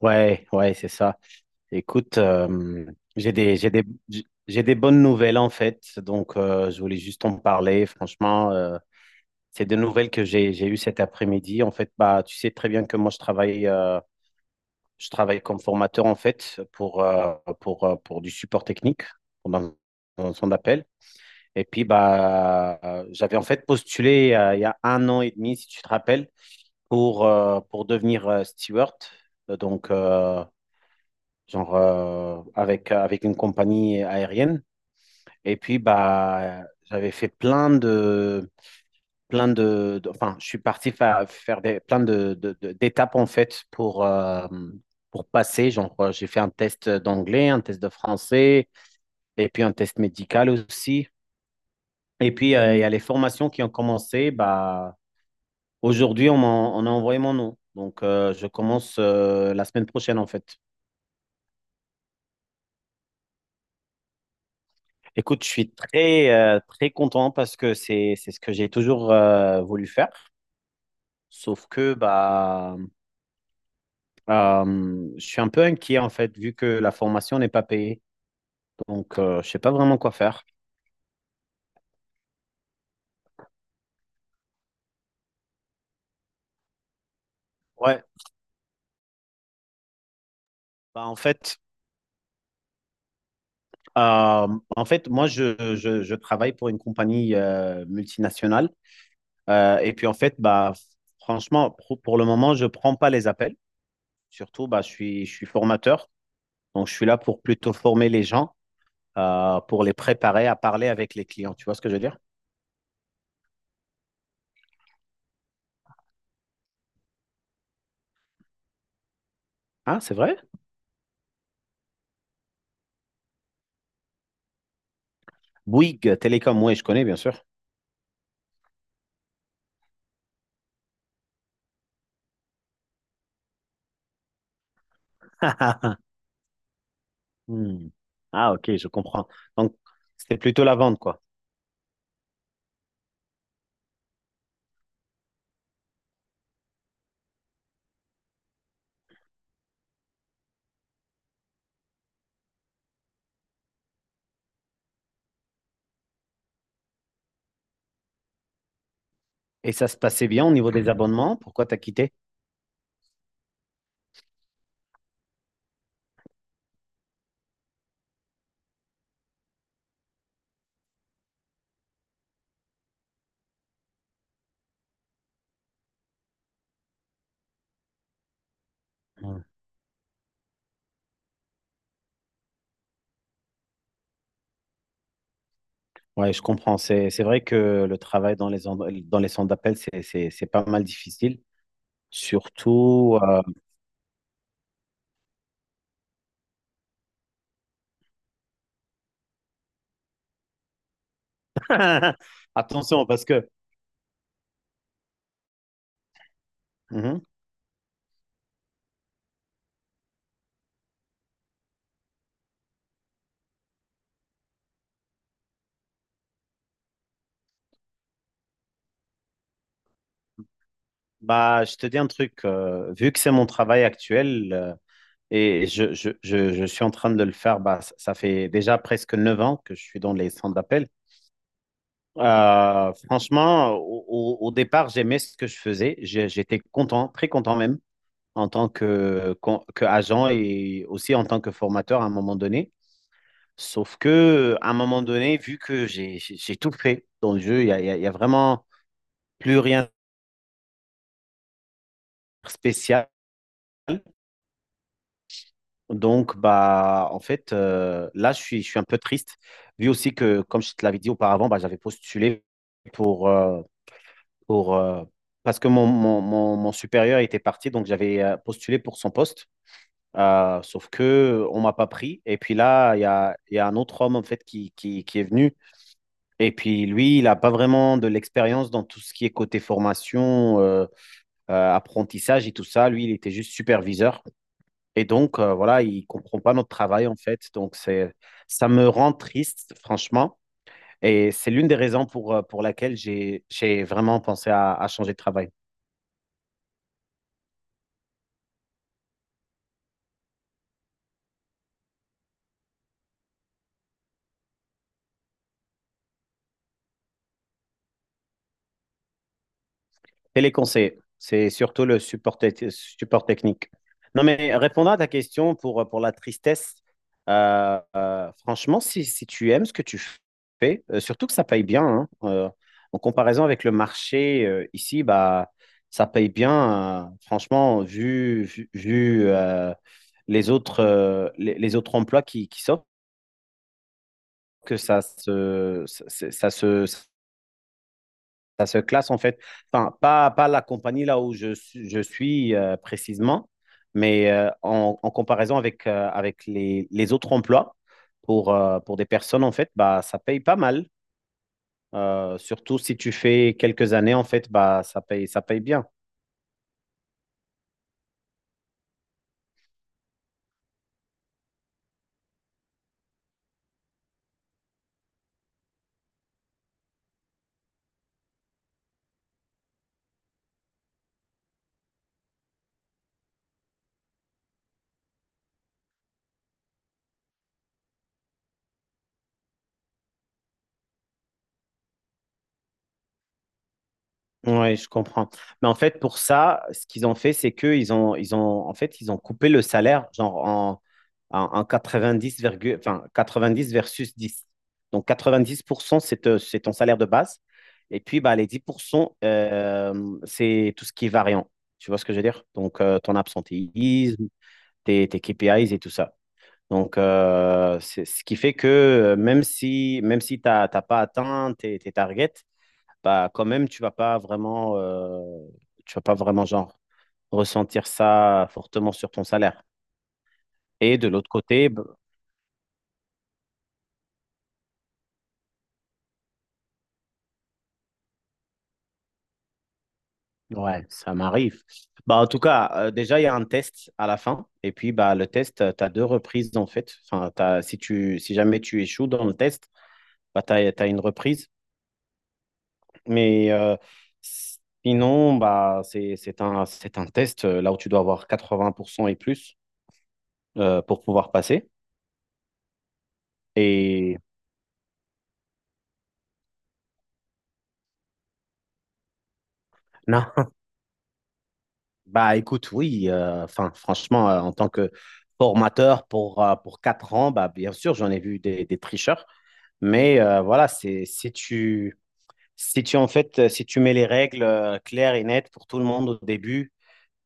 Ouais, ouais, c'est ça. Écoute, j'ai des, j'ai des, j'ai des bonnes nouvelles en fait, donc je voulais juste en parler. Franchement, c'est des nouvelles que j'ai eues cet après-midi. En fait, bah, tu sais très bien que moi je travaille comme formateur en fait pour, pour du support technique pendant son appel. Et puis bah, j'avais en fait postulé il y a un an et demi, si tu te rappelles, pour devenir steward. Donc, genre avec, avec une compagnie aérienne. Et puis, bah, j'avais fait enfin, je suis parti faire des, plein d'étapes en fait pour passer. Genre, j'ai fait un test d'anglais, un test de français, et puis un test médical aussi. Et puis, il y a les formations qui ont commencé. Bah, aujourd'hui, on a envoyé mon nom. Donc, je commence la semaine prochaine en fait. Écoute, je suis très, très content parce que c'est ce que j'ai toujours voulu faire. Sauf que bah, je suis un peu inquiet en fait, vu que la formation n'est pas payée. Donc, je ne sais pas vraiment quoi faire. Ouais, bah, euh, en fait, moi, je travaille pour une compagnie multinationale. Et puis, en fait, bah, franchement, pour le moment, je ne prends pas les appels. Surtout, bah, je suis formateur. Donc, je suis là pour plutôt former les gens. Pour les préparer à parler avec les clients. Tu vois ce que je veux dire? Ah, c'est vrai? Bouygues Télécom, oui, je connais, bien sûr. Ah, hmm. Ah, ok, je comprends. Donc, c'était plutôt la vente, quoi. Et ça se passait bien au niveau des abonnements? Pourquoi t'as quitté? Hmm. Ouais, je comprends. C'est vrai que le travail dans les, dans les centres d'appel, c'est pas mal difficile. Surtout, euh, attention, parce que, mhm, bah, je te dis un truc, vu que c'est mon travail actuel, et je suis en train de le faire. Bah, ça fait déjà presque 9 ans que je suis dans les centres d'appel. Franchement, au départ, j'aimais ce que je faisais. J'étais content, très content même, en tant que, que agent et aussi en tant que formateur à un moment donné. Sauf que, à un moment donné, vu que j'ai tout fait dans le jeu, il y a vraiment plus rien de spécial. Donc, bah, en fait, là, je suis un peu triste, vu aussi que, comme je te l'avais dit auparavant, bah, j'avais postulé pour, euh, pour, euh, parce que mon supérieur était parti, donc j'avais postulé pour son poste. Sauf que on m'a pas pris. Et puis là, il y a un autre homme, en fait, qui est venu. Et puis lui, il n'a pas vraiment de l'expérience dans tout ce qui est côté formation, apprentissage et tout ça. Lui, il était juste superviseur. Et donc, voilà, il comprend pas notre travail, en fait. Donc, c'est, ça me rend triste, franchement. Et c'est l'une des raisons pour laquelle j'ai vraiment pensé à changer de travail. Téléconseil, c'est surtout le support, support technique. Non, mais répondant à ta question pour la tristesse, franchement, si, si tu aimes ce que tu fais, surtout que ça paye bien, hein, en comparaison avec le marché ici, bah, ça paye bien, franchement, vu, les autres, les autres emplois qui s'offrent, que ça se classe en fait. Enfin, pas, pas la compagnie là où je suis précisément, mais en comparaison avec, avec les autres emplois pour des personnes en fait, bah, ça paye pas mal. Surtout si tu fais quelques années en fait, bah, ça paye bien. Ouais, je comprends. Mais en fait, pour ça, ce qu'ils ont fait, c'est que en fait, ils ont coupé le salaire genre en, en enfin, 90 versus 10. Donc 90%, c'est c'est ton salaire de base. Et puis, bah, les 10%, c'est tout ce qui est variant. Tu vois ce que je veux dire? Donc, ton absentéisme, tes KPIs et tout ça. Donc, c'est ce qui fait que même si tu n'as pas atteint tes, tes targets, bah quand même tu vas pas vraiment genre ressentir ça fortement sur ton salaire. Et de l'autre côté, ouais, ça m'arrive. Bah en tout cas, déjà il y a un test à la fin et puis bah le test tu as deux reprises en fait. Enfin si tu si jamais tu échoues dans le test, bah tu as, une reprise mais sinon bah c'est un test là où tu dois avoir 80% et plus pour pouvoir passer et non. Bah écoute, oui, enfin franchement, en tant que formateur pour 4 ans, bah, bien sûr, j'en ai vu des tricheurs. Mais voilà, c'est si tu en fait si tu mets les règles claires et nettes pour tout le monde au début,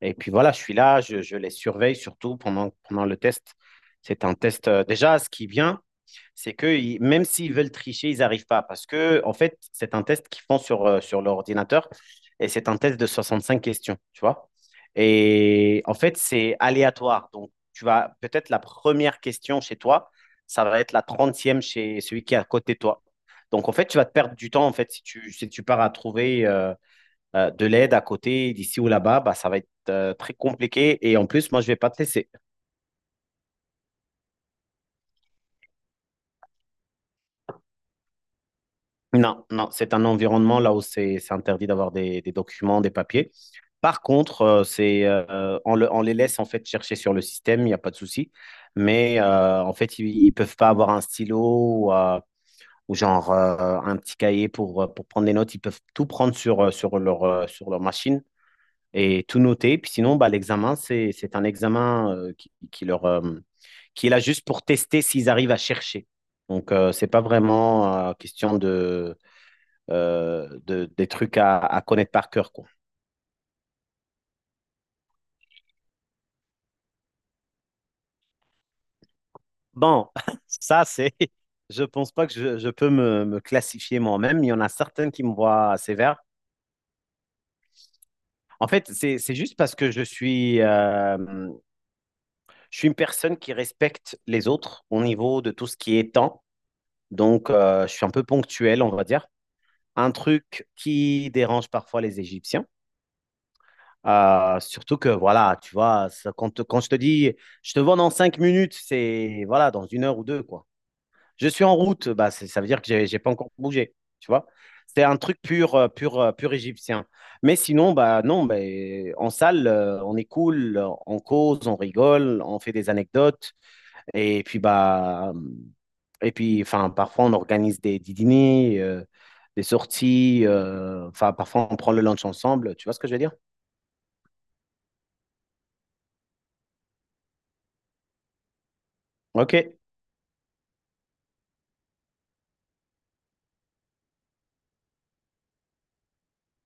et puis voilà, je suis là, je les surveille surtout pendant, pendant le test. C'est un test déjà, ce qui vient c'est que même s'ils veulent tricher, ils n'arrivent pas. Parce que, en fait, c'est un test qu'ils font sur, sur l'ordinateur et c'est un test de 65 questions, tu vois. Et en fait, c'est aléatoire. Donc, tu vas peut-être la première question chez toi, ça va être la trentième chez celui qui est à côté de toi. Donc, en fait, tu vas te perdre du temps, en fait, si tu, si tu pars à trouver de l'aide à côté, d'ici ou là-bas, bah, ça va être très compliqué. Et en plus, moi, je ne vais pas te laisser. Non, non, c'est un environnement là où c'est interdit d'avoir des documents, des papiers. Par contre, on les laisse en fait chercher sur le système, il n'y a pas de souci. Mais en fait, ils ne peuvent pas avoir un stylo ou, genre un petit cahier pour prendre des notes. Ils peuvent tout prendre sur, sur leur machine et tout noter. Puis sinon, bah, l'examen, c'est un examen qui leur, qui est là juste pour tester s'ils arrivent à chercher. Donc, c'est pas vraiment question de des trucs à connaître par cœur, quoi. Bon, ça, c'est. Je pense pas que je peux me classifier moi-même. Il y en a certaines qui me voient sévère. En fait, c'est juste parce que je suis une personne qui respecte les autres au niveau de tout ce qui est temps. Donc, je suis un peu ponctuel, on va dire. Un truc qui dérange parfois les Égyptiens. Surtout que, voilà, tu vois, quand, quand je te dis, je te vois dans cinq minutes, c'est, voilà, dans une heure ou deux, quoi. Je suis en route, bah, ça veut dire que j'ai pas encore bougé, tu vois. C'est un truc pur, pur égyptien. Mais sinon, bah non, bah, en salle, on est cool, on cause, on rigole, on fait des anecdotes, et puis bah, et puis, enfin, parfois on organise des dîners, des sorties, enfin, parfois on prend le lunch ensemble, tu vois ce que je veux dire? Ok.